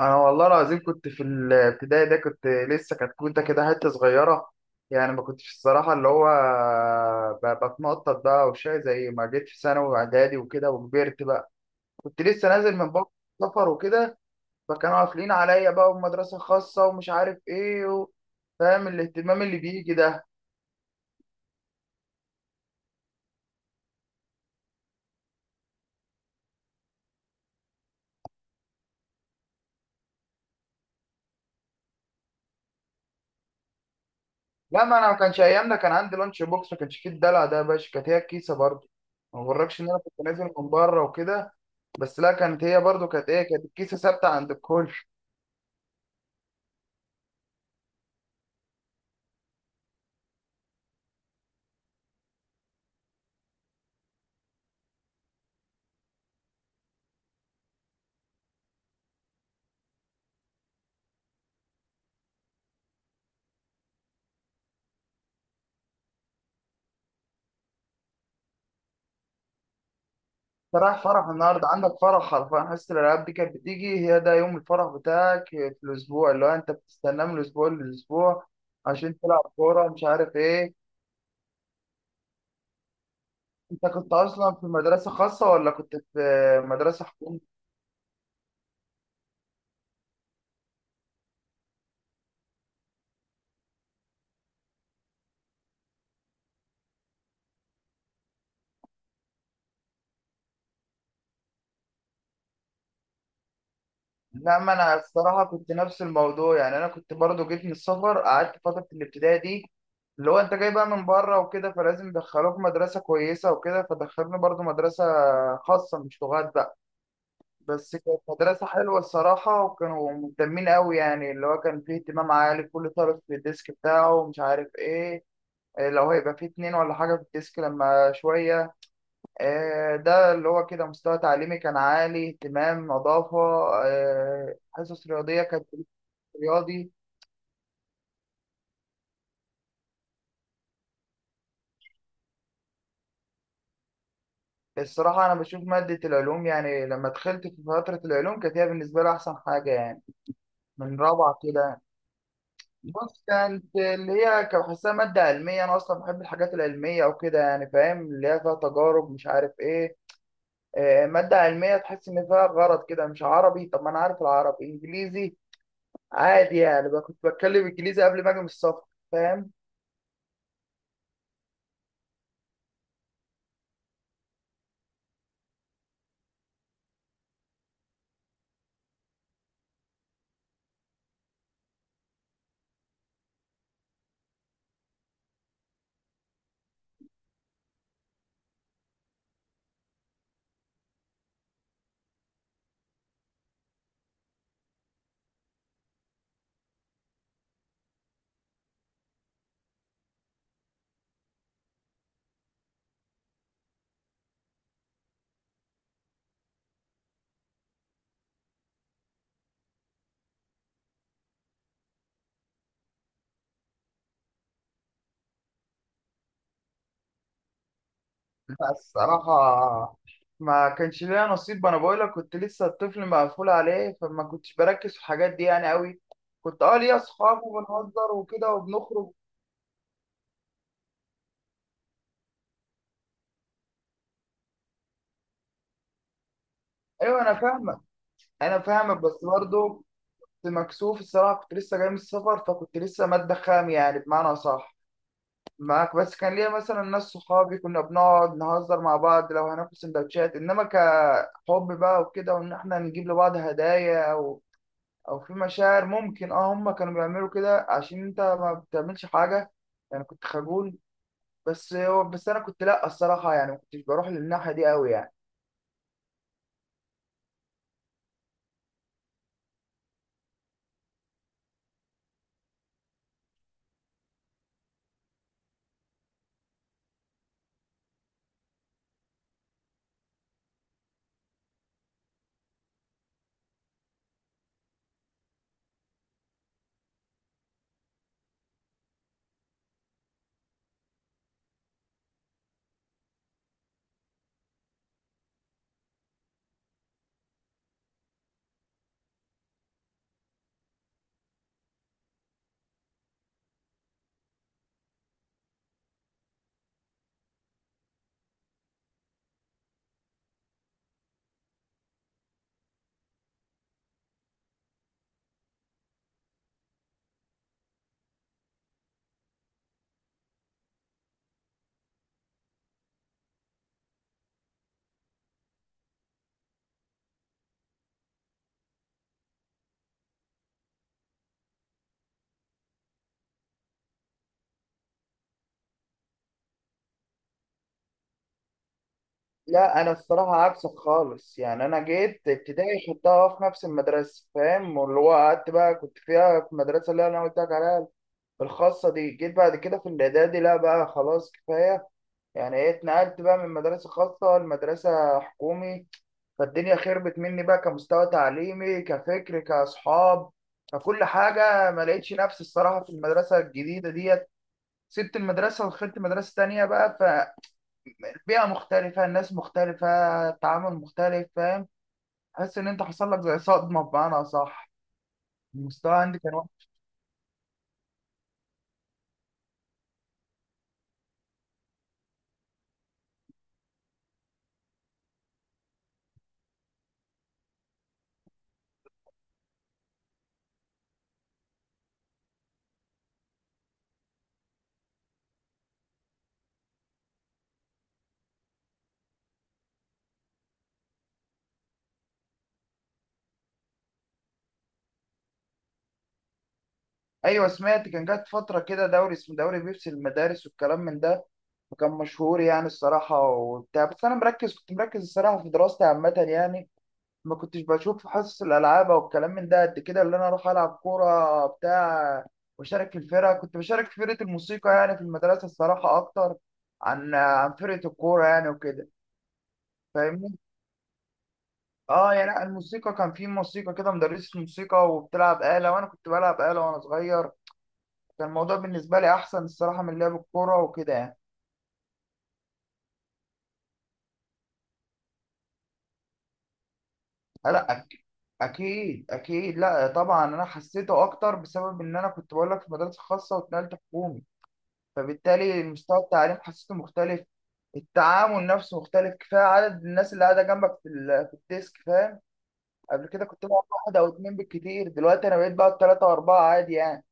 انا والله العظيم كنت في الابتدائي ده، كنت لسه كتكوته كده حته صغيره. يعني ما كنتش الصراحه اللي هو بتنطط بقى وشاي زي ما جيت في ثانوي واعدادي وكده وكبرت بقى. كنت لسه نازل من بره، سفر وكده. فكانوا قافلين عليا بقى، ومدرسه خاصه ومش عارف ايه فاهم الاهتمام اللي بيجي ده. لا ما انا، ما كانش ايامنا كان عندي لانش بوكس، ما كانش فيه الدلع ده يا باشا، كانت هي الكيسه برضه. ما بغركش ان انا كنت نازل من بره وكده. بس لا، كانت هي برضو، كانت ايه، كانت الكيسه ثابته عند الكل. انت رايح فرح النهارده؟ عندك فرح حرفيا، حصة الالعاب دي كانت بتيجي هي ده يوم الفرح بتاعك في الاسبوع، اللي هو انت بتستناه من الاسبوع للاسبوع عشان تلعب كوره مش عارف ايه. انت كنت اصلا في مدرسه خاصه ولا كنت في مدرسه حكومه؟ لا ما انا الصراحه كنت نفس الموضوع، يعني انا كنت برضو جيت من السفر، قعدت فتره الابتدائي دي اللي هو انت جاي بقى من بره وكده، فلازم يدخلوك مدرسه كويسه وكده، فدخلوني برضو مدرسه خاصه مش لغات بقى. بس كانت مدرسة حلوة الصراحة، وكانوا مهتمين أوي، يعني اللي هو كان فيه اهتمام عالي، كل طالب في الديسك بتاعه ومش عارف إيه، إيه لو هيبقى فيه اتنين ولا حاجة في الديسك لما شوية. إيه ده اللي هو كده، مستوى تعليمي كان عالي، اهتمام، نظافة، إيه، حصص رياضية كانت دروس رياضي. الصراحة أنا بشوف مادة العلوم، يعني لما دخلت في فترة العلوم كانت هي بالنسبة لي أحسن حاجة يعني. من رابعة كده. بص كانت اللي هي كان بحسها مادة علمية، أنا أصلا بحب الحاجات العلمية أو كده يعني، فاهم اللي هي فيها تجارب مش عارف إيه. آه، مادة علمية تحس إن فيها غرض كده، مش عربي. طب ما أنا عارف العربي، إنجليزي عادي، يعني بقى كنت بتكلم إنجليزي قبل ما أجي من السفر، فاهم. بس الصراحة ما كانش ليا نصيب، ما أنا بقولك كنت لسه الطفل مقفول عليه، فما كنتش بركز في الحاجات دي يعني أوي. كنت أه ليا أصحاب، وبنهزر وكده وبنخرج. أيوه أنا فاهمك. أنا فاهمك بس برضه كنت مكسوف الصراحة، كنت لسه جاي من السفر فكنت لسه مادة خام يعني، بمعنى صح معاك. بس كان ليا مثلا ناس صحابي كنا بنقعد نهزر مع بعض، لو هناكل سندوتشات إنما كحب بقى وكده، وإن إحنا نجيب لبعض هدايا، أو في مشاعر، ممكن أه هما كانوا بيعملوا كده عشان أنت ما بتعملش حاجة، يعني كنت خجول. بس أنا كنت لأ الصراحة يعني ما كنتش بروح للناحية دي أوي يعني. لا انا الصراحه عكسك خالص، يعني انا جيت ابتدائي خدتها في نفس المدرسه فاهم، واللي هو قعدت بقى كنت فيها في المدرسه اللي انا قلت لك عليها الخاصه دي. جيت بعد كده في الاعدادي، لا بقى خلاص كفايه، يعني ايه اتنقلت بقى من مدرسه خاصه لمدرسه حكومي. فالدنيا خربت مني بقى كمستوى تعليمي، كفكر، كاصحاب، فكل حاجه ما لقيتش نفسي الصراحه في المدرسه الجديده ديت. سبت المدرسه ودخلت مدرسه تانية بقى، بيئة مختلفة، الناس مختلفة، التعامل مختلف فاهم. حس ان انت حصل لك زي صدمة بمعنى اصح، المستوى عندي كان وحش. ايوه سمعت، كان جات فترة كده دوري اسمه دوري بيبسي المدارس والكلام من ده، وكان مشهور يعني الصراحة وبتاع. بس انا مركز، كنت مركز الصراحة في دراستي عامة يعني، ما كنتش بشوف في حصص الالعاب او الكلام من ده قد كده، اللي انا اروح العب كورة بتاع. واشارك في الفرقة، كنت بشارك في فرقة الموسيقى يعني في المدرسة الصراحة، اكتر عن فرقة الكورة يعني وكده فاهمني. اه يعني لا، الموسيقى كان في موسيقى كده، مدرسة موسيقى وبتلعب آلة، وانا كنت بلعب آلة وانا صغير، كان الموضوع بالنسبة لي احسن الصراحة من لعب الكورة وكده يعني. آه، لا أك- اكيد اكيد، لا طبعا انا حسيته اكتر بسبب ان انا كنت بقول لك في مدرسة خاصة واتنقلت حكومي، فبالتالي مستوى التعليم حسيته مختلف. التعامل نفسه مختلف، كفايه عدد الناس اللي قاعده جنبك في الديسك، كفايه قبل كده كنت بقعد واحد او اتنين بالكتير، دلوقتي انا بقيت بقعد تلاته واربعه عادي يعني.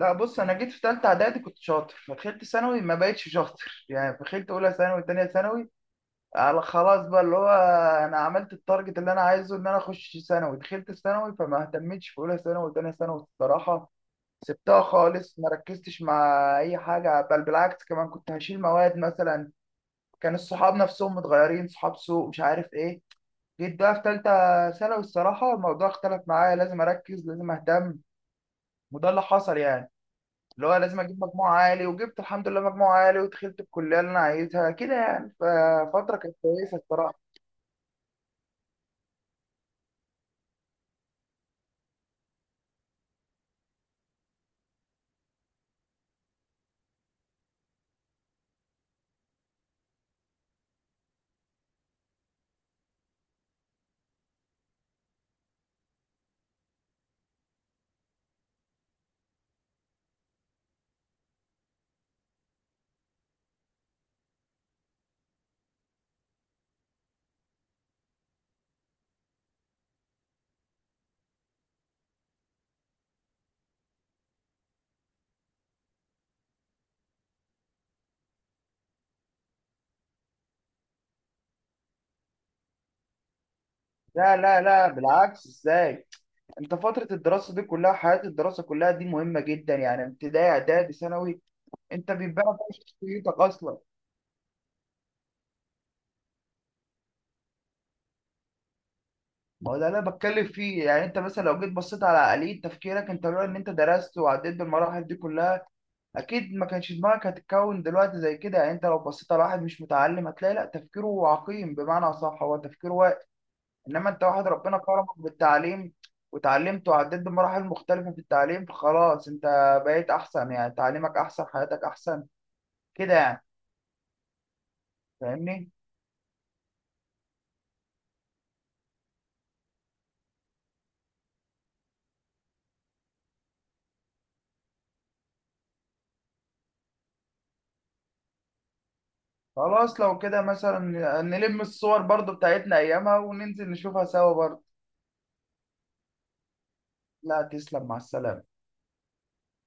لا بص، انا جيت في ثالثه اعدادي كنت شاطر فدخلت ثانوي، ما بقتش شاطر يعني، دخلت اولى ثانوي، ثانيه ثانوي، على خلاص بقى اللي هو انا عملت التارجت اللي انا عايزه ان انا اخش ثانوي، دخلت ثانوي فما اهتمتش في اولى ثانوي وثانيه ثانوي الصراحه، سبتها خالص، ما ركزتش مع اي حاجه. بل بالعكس كمان كنت هشيل مواد مثلا، كان الصحاب نفسهم متغيرين، صحاب سوء مش عارف ايه. جيت بقى في ثالثه ثانوي الصراحه الموضوع اختلف معايا، لازم اركز، لازم اهتم، وده اللي حصل يعني، اللي هو لازم اجيب مجموع عالي، وجبت الحمد لله مجموع عالي، ودخلت الكليه اللي انا عايزها كده يعني، ففتره كانت كويسه الصراحه. لا لا لا، بالعكس، ازاي؟ انت فتره الدراسه دي كلها، حياه الدراسه كلها دي مهمه جدا يعني، ابتدائي اعدادي ثانوي، انت بيبان بقى شخصيتك اصلا. ما هو ده اللي انا بتكلم فيه، يعني انت مثلا لو جيت بصيت على آلية تفكيرك انت، لولا ان انت درست وعديت بالمراحل دي كلها اكيد ما كانش دماغك هتتكون دلوقتي زي كده. يعني انت لو بصيت على واحد مش متعلم هتلاقي لا تفكيره عقيم بمعنى صح، هو تفكيره واعي، انما انت واحد ربنا كرمك بالتعليم، وتعلمت وعديت بمراحل مختلفة في التعليم، فخلاص انت بقيت احسن يعني، تعليمك احسن، حياتك احسن كده يعني. فاهمني، خلاص لو كده مثلا نلم الصور برضو بتاعتنا ايامها وننزل نشوفها سوا برضو. لا، تسلم، مع السلامة.